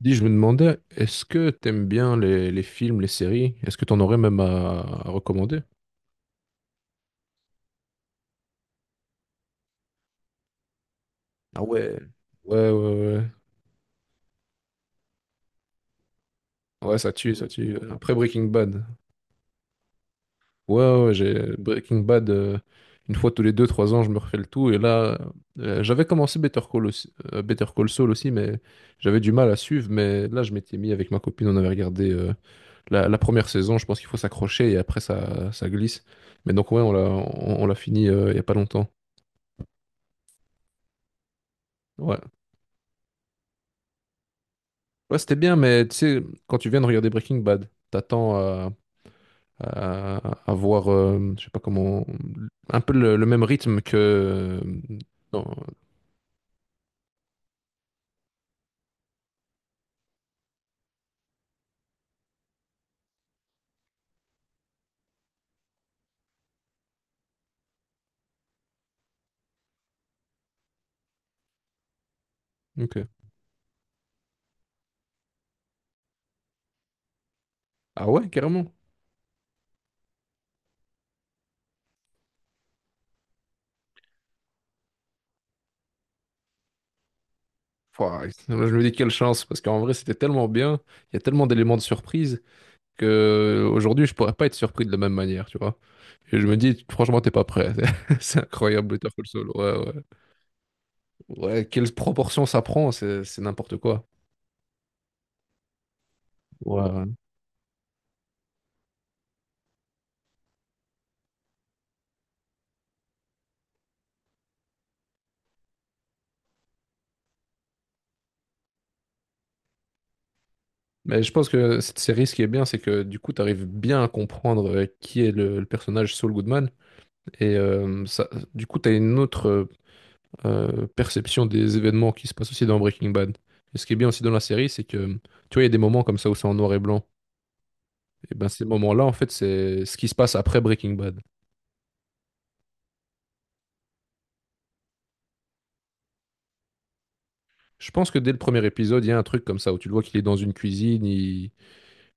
Dis, je me demandais, est-ce que t'aimes bien les films, les séries? Est-ce que t'en aurais même à recommander? Ah ouais. Ouais, ouais, ouais. Ouais, ça tue, ça tue. Après Breaking Bad. Ouais, ouais, ouais, j'ai Breaking Bad, une fois tous les 2, 3 ans, je me refais le tout. Et là, j'avais commencé Better Call Saul aussi, mais j'avais du mal à suivre. Mais là, je m'étais mis avec ma copine, on avait regardé la première saison. Je pense qu'il faut s'accrocher et après, ça glisse. Mais donc, ouais, on l'a fini il y a pas longtemps. Ouais. Ouais, c'était bien, mais tu sais, quand tu viens de regarder Breaking Bad, t'attends à, à voir, je sais pas comment, un peu le même rythme que... Non, ok. Ah ouais, carrément. Pouah, je me dis quelle chance, parce qu'en vrai, c'était tellement bien, il y a tellement d'éléments de surprise que aujourd'hui, je pourrais pas être surpris de la même manière, tu vois. Et je me dis, franchement, t'es pas prêt. C'est incroyable, Better Call Saul. Ouais, ouais. Ouais, quelle proportion ça prend, c'est n'importe quoi. Ouais, mais je pense que cette série, ce qui est bien, c'est que du coup, tu arrives bien à comprendre qui est le personnage Saul Goodman. Et ça, du coup, tu as une autre perception des événements qui se passent aussi dans Breaking Bad. Et ce qui est bien aussi dans la série, c'est que tu vois, il y a des moments comme ça où c'est en noir et blanc. Et ben ces moments-là, en fait, c'est ce qui se passe après Breaking Bad. Je pense que dès le premier épisode, il y a un truc comme ça où tu le vois qu'il est dans une cuisine, il,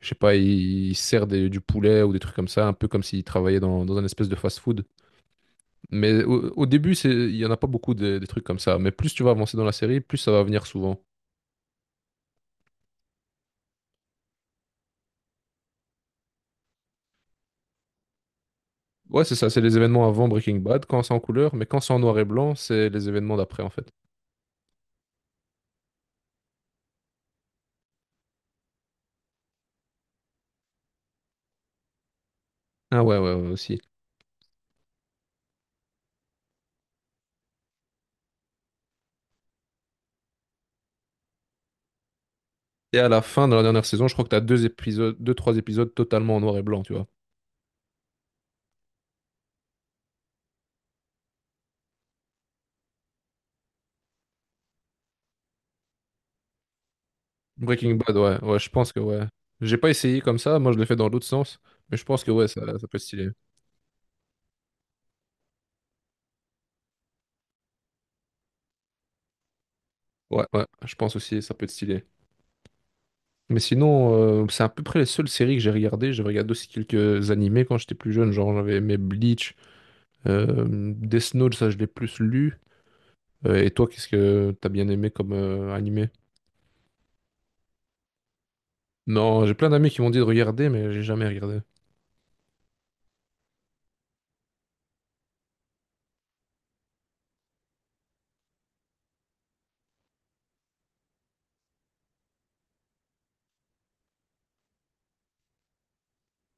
je sais pas, il sert du poulet ou des trucs comme ça, un peu comme s'il travaillait dans un espèce de fast-food. Mais au début, c'est, il y en a pas beaucoup des trucs comme ça. Mais plus tu vas avancer dans la série, plus ça va venir souvent. Ouais, c'est ça, c'est les événements avant Breaking Bad, quand c'est en couleur, mais quand c'est en noir et blanc, c'est les événements d'après, en fait. Ah ouais, ouais, ouais, aussi. Et à la fin, dans la dernière saison, je crois que t'as deux épisodes, deux, trois épisodes totalement en noir et blanc, tu vois. Breaking Bad, ouais, ouais, je pense que ouais. J'ai pas essayé comme ça, moi je l'ai fait dans l'autre sens, mais je pense que ouais, ça peut être stylé. Ouais, ouais, je pense aussi, ça peut être stylé. Mais sinon, c'est à peu près les seules séries que j'ai regardées. J'ai regardé aussi quelques animés quand j'étais plus jeune. Genre, j'avais aimé Bleach, euh, Death Note, ça je l'ai plus lu. Et toi, qu'est-ce que t'as bien aimé comme animé? Non, j'ai plein d'amis qui m'ont dit de regarder, mais j'ai jamais regardé.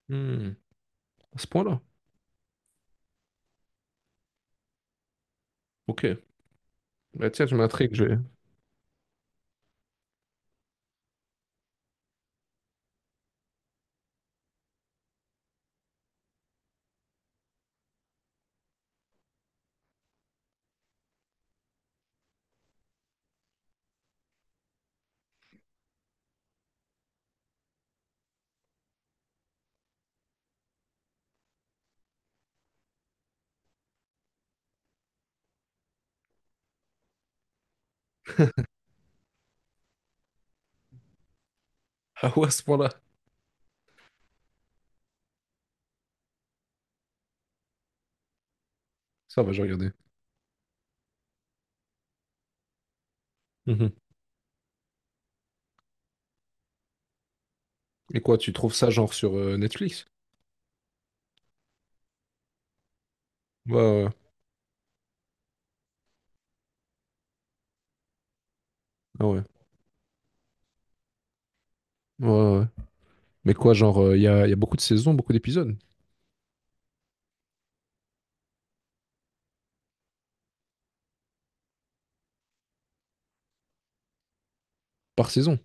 Hmm, à ce point-là? Ok. Bah, tiens, tu m'intrigues. Ah ouais, à ce point-là. Ça va, je vais regarder. Mhm. Et quoi, tu trouves ça genre sur Netflix? Ouais, ouais. Ah ouais. Ouais, ouais. Mais quoi, genre, y a beaucoup de saisons, beaucoup d'épisodes? Par saison?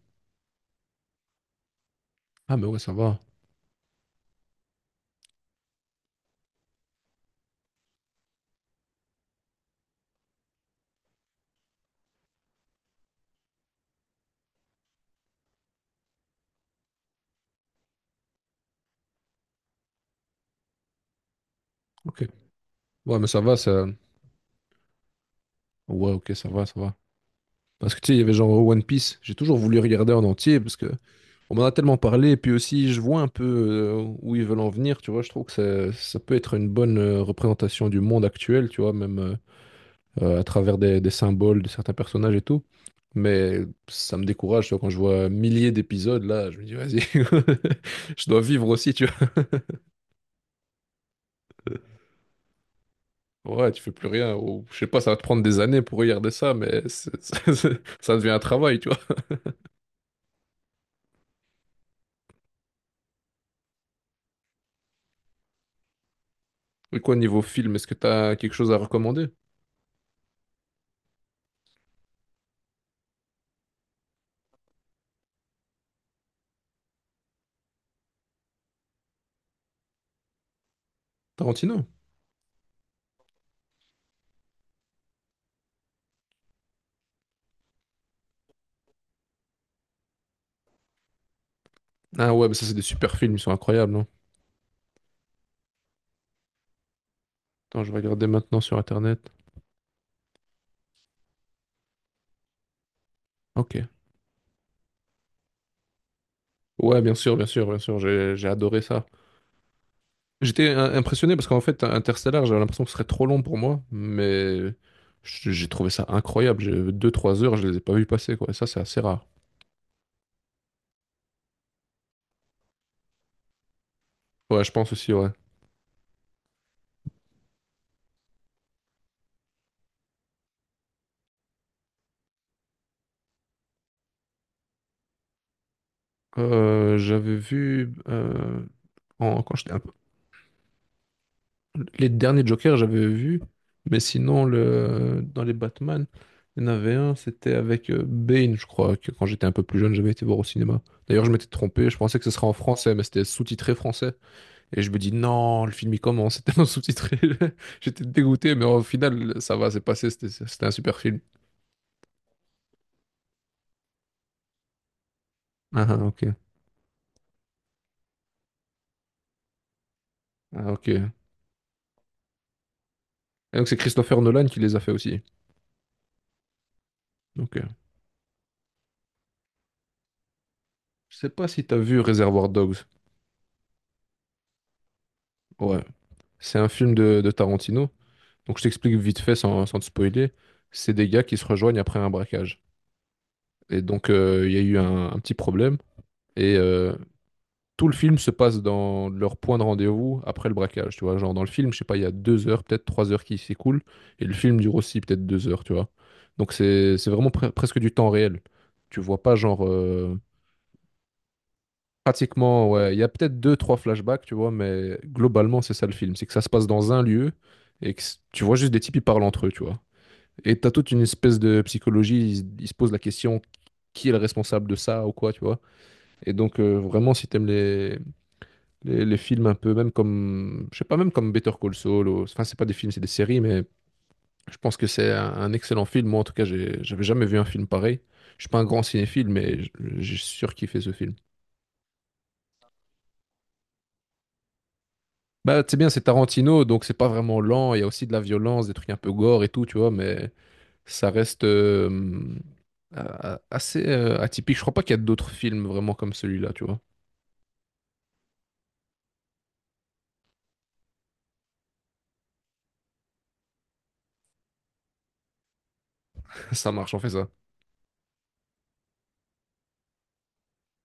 Ah, mais ouais, ça va. Ok. Ouais, mais ça va, ça. Ouais, ok, ça va, ça va. Parce que tu sais, il y avait genre One Piece, j'ai toujours voulu regarder en entier parce que on m'en a tellement parlé, et puis aussi je vois un peu où ils veulent en venir, tu vois, je trouve que ça peut être une bonne représentation du monde actuel, tu vois, même à travers des symboles de certains personnages et tout. Mais ça me décourage, tu vois, quand je vois milliers d'épisodes, là, je me dis, vas-y, je dois vivre aussi, tu vois. Ouais, tu fais plus rien, ou je sais pas, ça va te prendre des années pour regarder ça, mais ça devient un travail, tu vois. Et quoi, niveau film, est-ce que t'as quelque chose à recommander? Tarantino? Ah ouais, mais ça, c'est des super films, ils sont incroyables, non? Attends, je vais regarder maintenant sur Internet. Ok. Ouais, bien sûr, bien sûr, bien sûr, j'ai adoré ça. J'étais impressionné parce qu'en fait, Interstellar, j'avais l'impression que ce serait trop long pour moi, mais j'ai trouvé ça incroyable. J'ai deux trois heures, je les ai pas vus passer, quoi. Et ça, c'est assez rare. Ouais, je pense aussi, ouais. J'avais vu, quand j'étais un. Les derniers Jokers, j'avais vu, mais sinon, dans les Batman, il y en avait un, c'était avec Bane, je crois, que quand j'étais un peu plus jeune, j'avais été voir au cinéma. D'ailleurs, je m'étais trompé, je pensais que ce serait en français, mais c'était sous-titré français. Et je me dis, non, le film, il commence, c'était en sous-titré. J'étais dégoûté, mais au final, ça va, c'est passé, c'était un super film. Ah, ah, ok. Ah, ok. Et donc, c'est Christopher Nolan qui les a fait aussi. Donc, je sais pas si t'as vu Reservoir Dogs. Ouais. C'est un film de Tarantino. Donc je t'explique vite fait sans te spoiler. C'est des gars qui se rejoignent après un braquage. Et donc il y a eu un petit problème. Et tout le film se passe dans leur point de rendez-vous après le braquage. Tu vois, genre dans le film, je sais pas, il y a 2 heures, peut-être 3 heures qui s'écoulent. Et le film dure aussi peut-être 2 heures, tu vois. Donc c'est vraiment presque du temps réel. Tu vois pas genre pratiquement, ouais, il y a peut-être deux, trois flashbacks, tu vois, mais globalement c'est ça le film. C'est que ça se passe dans un lieu et que tu vois juste des types qui parlent entre eux, tu vois. Et t'as toute une espèce de psychologie, ils se posent la question qui est le responsable de ça ou quoi, tu vois. Et donc vraiment, si t'aimes les films un peu, même comme, je sais pas, même comme Better Call Saul, enfin c'est pas des films, c'est des séries, mais je pense que c'est un excellent film. Moi en tout cas, j'avais jamais vu un film pareil. Je suis pas un grand cinéphile, mais j'ai surkiffé ce film. Bah c'est bien, c'est Tarantino, donc c'est pas vraiment lent. Il y a aussi de la violence, des trucs un peu gore et tout, tu vois, mais ça reste, assez atypique. Je crois pas qu'il y a d'autres films vraiment comme celui-là, tu vois. Ça marche, on fait ça.